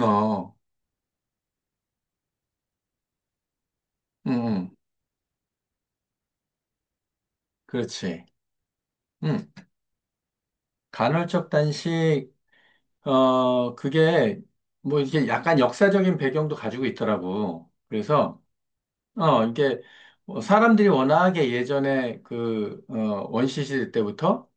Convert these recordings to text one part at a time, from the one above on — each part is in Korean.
어, 음, 음, 그렇지. 음, 간헐적 단식, 그게, 뭐, 이게 약간 역사적인 배경도 가지고 있더라고. 그래서, 이게, 뭐 사람들이 워낙에 예전에 원시시대 때부터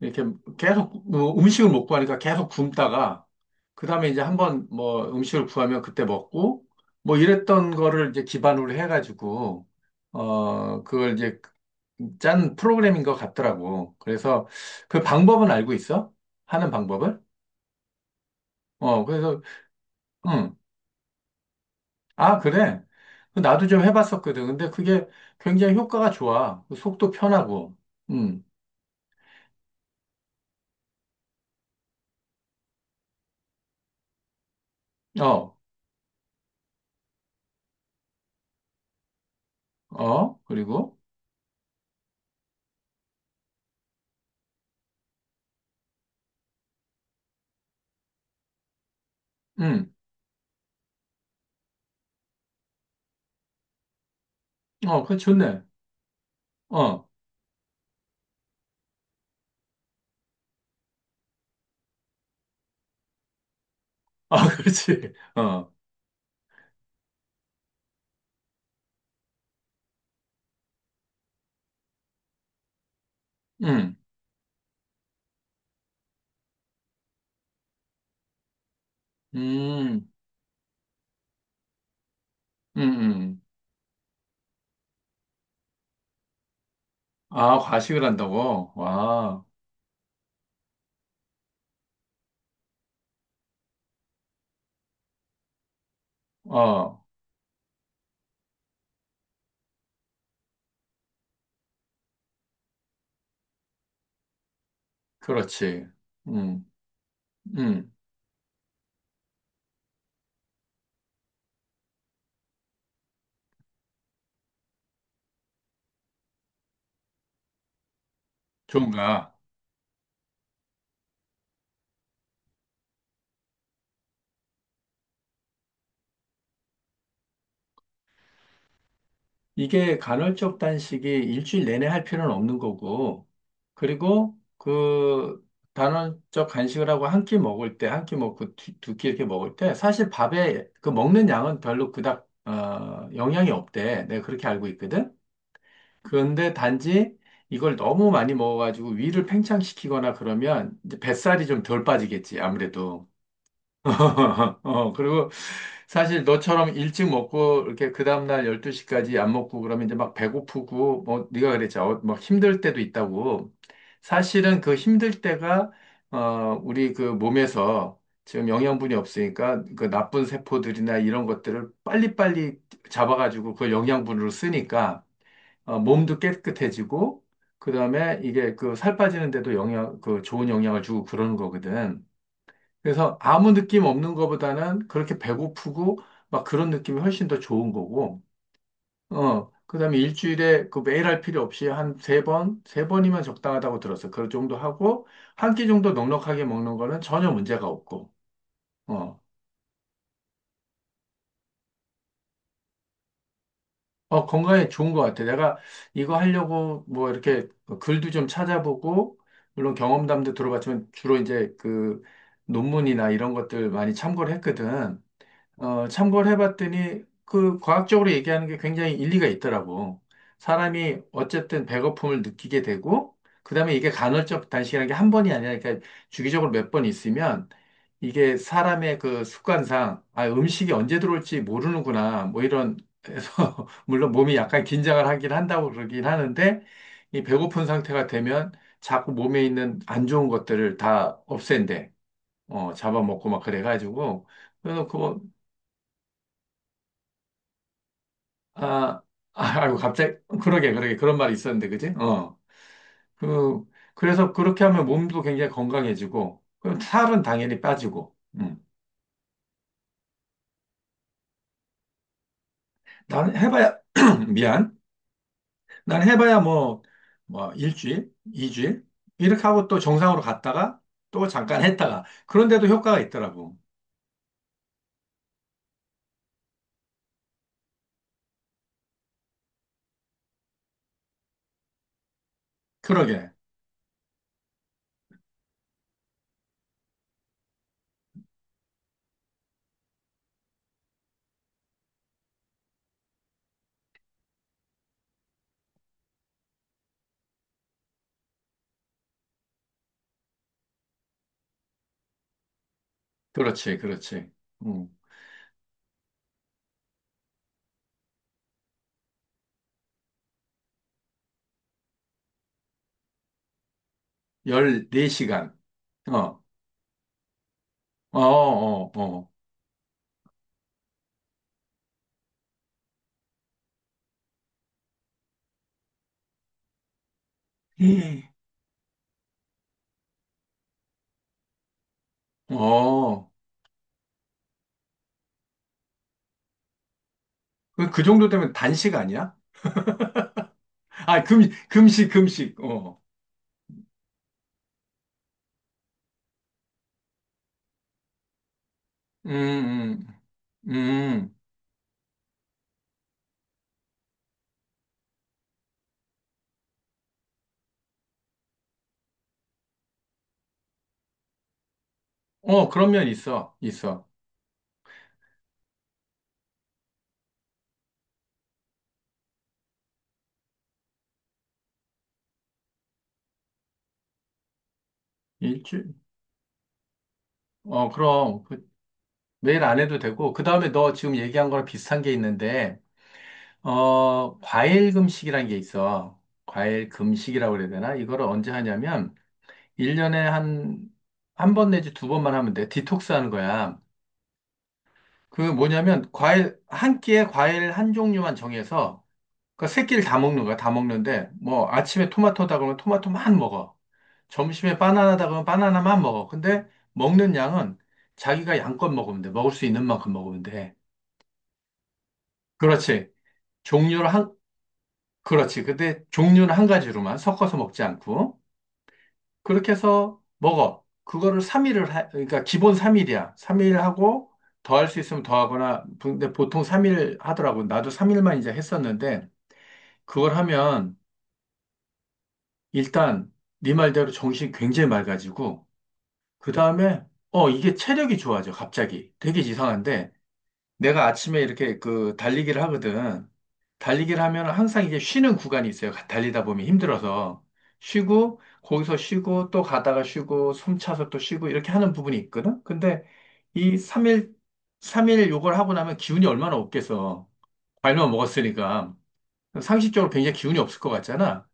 이렇게 계속 음식을 못 구하니까 계속 굶다가 그다음에 이제 한번 뭐 음식을 구하면 그때 먹고 뭐 이랬던 거를 이제 기반으로 해가지고 그걸 이제 짠 프로그램인 것 같더라고. 그래서 그 방법은 알고 있어? 하는 방법을? 그래서. 음. 아, 그래. 그 나도 좀 해봤었거든. 근데 그게 굉장히 효과가 좋아. 그 속도 편하고. 음. 어. 어. 그리고 음. 어. 그 좋네. 어. 아, 그렇지. 어. 음. 음. 음. 음. 아, 과식을 한다고? 와, 어, 그렇지. 음. 음. 좋은가. 이게 간헐적 단식이 일주일 내내 할 필요는 없는 거고, 그리고 그 간헐적 간식을 하고 한 끼 먹을 때, 한 끼 먹고 두 끼 이렇게 먹을 때, 사실 밥에 그 먹는 양은 별로 그닥, 영향이 없대. 내가 그렇게 알고 있거든. 그런데 단지 이걸 너무 많이 먹어가지고 위를 팽창시키거나 그러면 이제 뱃살이 좀 덜 빠지겠지, 아무래도. 어, 그리고 사실 너처럼 일찍 먹고 이렇게 그 다음날 12시까지 안 먹고 그러면 이제 막 배고프고 뭐 네가 그랬지, 어, 막 힘들 때도 있다고. 사실은 그 힘들 때가 우리 그 몸에서 지금 영양분이 없으니까 그 나쁜 세포들이나 이런 것들을 빨리빨리 잡아가지고 그 영양분으로 쓰니까 어, 몸도 깨끗해지고, 그 다음에 이게 그 살 빠지는데도 영향, 그 좋은 영향을 주고 그러는 거거든. 그래서 아무 느낌 없는 거보다는 그렇게 배고프고 막 그런 느낌이 훨씬 더 좋은 거고, 어, 그 다음에 일주일에 그 매일 할 필요 없이 한 세 번, 세 번이면 적당하다고 들었어. 그 정도 하고, 한끼 정도 넉넉하게 먹는 거는 전혀 문제가 없고, 어. 어, 건강에 좋은 것 같아. 내가 이거 하려고 뭐 이렇게 글도 좀 찾아보고, 물론 경험담도 들어봤지만 주로 이제 그 논문이나 이런 것들 많이 참고를 했거든. 어, 참고를 해봤더니 그 과학적으로 얘기하는 게 굉장히 일리가 있더라고. 사람이 어쨌든 배고픔을 느끼게 되고, 그다음에 이게 간헐적 단식이라는 게 한 번이 아니라 그러니까 주기적으로 몇 번 있으면 이게 사람의 그 습관상 아, 음식이 언제 들어올지 모르는구나 뭐 이런 해서 물론 몸이 약간 긴장을 하긴 한다고 그러긴 하는데 이 배고픈 상태가 되면 자꾸 몸에 있는 안 좋은 것들을 다 없앤대. 어, 잡아먹고 막 그래가지고 그래서. 아, 아, 아이고, 갑자기, 그러게, 그러게, 그런 말이 있었는데, 그지? 어. 그, 그래서 그렇게 하면 몸도 굉장히 건강해지고, 그럼 살은 당연히 빠지고, 난 해봐야, 미안. 난 해봐야 뭐, 뭐, 일주일, 이주일, 이렇게 하고 또 정상으로 갔다가, 또 잠깐 했다가, 그런데도 효과가 있더라고. 그러게, 그렇지, 그렇지. 음. 14시간. 어, 어, 어, 어. 음. 어, 그 정도 되면 단식 아니야? 아, 금, 금식, 금식. 어. 음. 음. 음. 어, 그런 면 있어. 있어. 일주일. 어, 그럼. 그, 매일 안 해도 되고. 그 다음에 너 지금 얘기한 거랑 비슷한 게 있는데, 어, 과일 금식이라는 게 있어. 과일 금식이라고 그래야 되나? 이거를 언제 하냐면, 1년에 한, 한 번 내지 두 번만 하면 돼. 디톡스 하는 거야. 그 뭐냐면, 과일, 한 끼에 과일 한 종류만 정해서 그러니까 새끼를 다 먹는 거야. 다 먹는데 뭐 아침에 토마토다 그러면 토마토만 먹어. 점심에 바나나다 그러면 바나나만 먹어. 근데 먹는 양은 자기가 양껏 먹으면 돼. 먹을 수 있는 만큼 먹으면 돼. 그렇지. 종류를 한 그렇지. 근데 종류는 한 가지로만 섞어서 먹지 않고 그렇게 해서 먹어. 그러니까 기본 3일이야. 3일 하고 더 할 수 있으면 더 하거나 근데 보통 3일 하더라고. 나도 3일만 이제 했었는데 그걸 하면 일단 네 말대로 정신이 굉장히 맑아지고 그 다음에 이게 체력이 좋아져 갑자기 되게 이상한데 내가 아침에 이렇게 그 달리기를 하거든. 달리기를 하면 항상 이게 쉬는 구간이 있어요. 달리다 보면 힘들어서 쉬고 거기서 쉬고 또 가다가 쉬고 숨 차서 또 쉬고 이렇게 하는 부분이 있거든. 근데 이 3일 삼일 요걸 하고 나면 기운이 얼마나 없겠어. 과일만 먹었으니까 상식적으로 굉장히 기운이 없을 것 같잖아.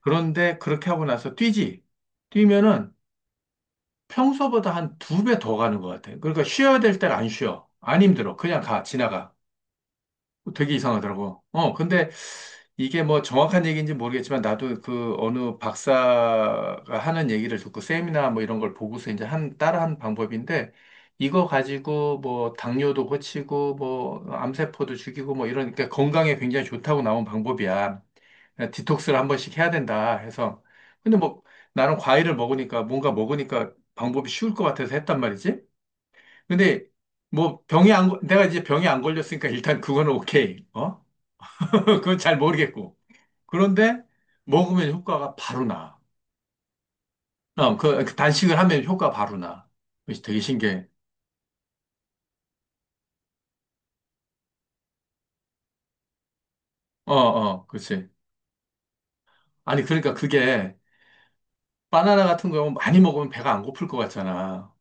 그런데 그렇게 하고 나서 뛰지. 뛰면은 평소보다 한 2배 더 가는 것 같아. 그러니까 쉬어야 될 때를 안 쉬어. 안 힘들어. 그냥 가, 지나가. 되게 이상하더라고. 어, 근데 이게 뭐 정확한 얘기인지 모르겠지만 나도 그 어느 박사가 하는 얘기를 듣고 세미나 뭐 이런 걸 보고서 이제 한, 따라한 방법인데 이거 가지고 뭐 당뇨도 고치고 뭐 암세포도 죽이고 뭐 이러니까 건강에 굉장히 좋다고 나온 방법이야. 그냥 디톡스를 한 번씩 해야 된다 해서. 근데 뭐 나는 과일을 먹으니까 뭔가 먹으니까 방법이 쉬울 것 같아서 했단 말이지. 근데 뭐 병이 안, 걸- 내가 이제 병이 안 걸렸으니까 일단 그거는 오케이. 어? 그건 잘 모르겠고. 그런데 먹으면 효과가 바로 나. 그 단식을 하면 효과 바로 나. 그것이 되게 신기해. 어, 어, 그렇지. 아니, 그러니까 그게 바나나 같은 거 많이 먹으면 배가 안 고플 것 같잖아.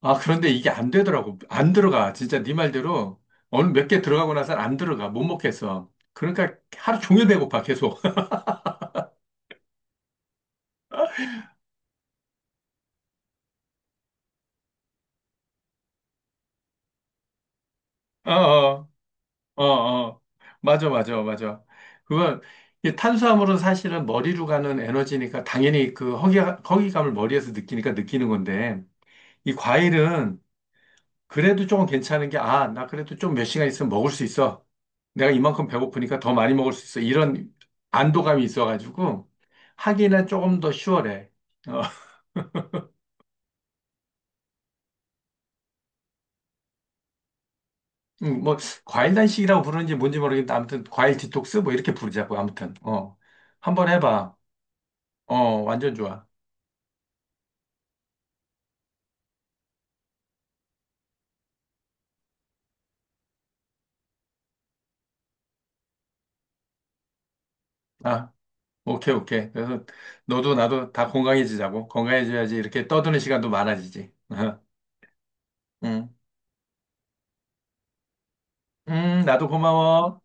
아, 그런데 이게 안 되더라고. 안 들어가. 진짜 네 말대로 어느 몇 개 들어가고 나서 안 들어가. 못 먹겠어. 그러니까 하루 종일 배고파, 계속. 어. 어. 어. 어. 맞아, 맞아, 맞아. 그건 이 탄수화물은 사실은 머리로 가는 에너지니까 당연히 그 허기감을 머리에서 느끼니까 느끼는 건데 이 과일은 그래도 조금 괜찮은 게 아, 나 그래도 좀 몇 시간 있으면 먹을 수 있어. 내가 이만큼 배고프니까 더 많이 먹을 수 있어. 이런 안도감이 있어가지고 하기는 조금 더 쉬워래. 어, 뭐 과일 단식이라고 부르는지 뭔지 모르겠는데 아무튼 과일 디톡스 뭐 이렇게 부르자고. 아무튼 어, 한번 해봐. 어, 완전 좋아. 아, 오케이, 오케이. 그래서 너도 나도 다 건강해지자고. 건강해져야지 이렇게 떠드는 시간도 많아지지. 음. 나도 고마워.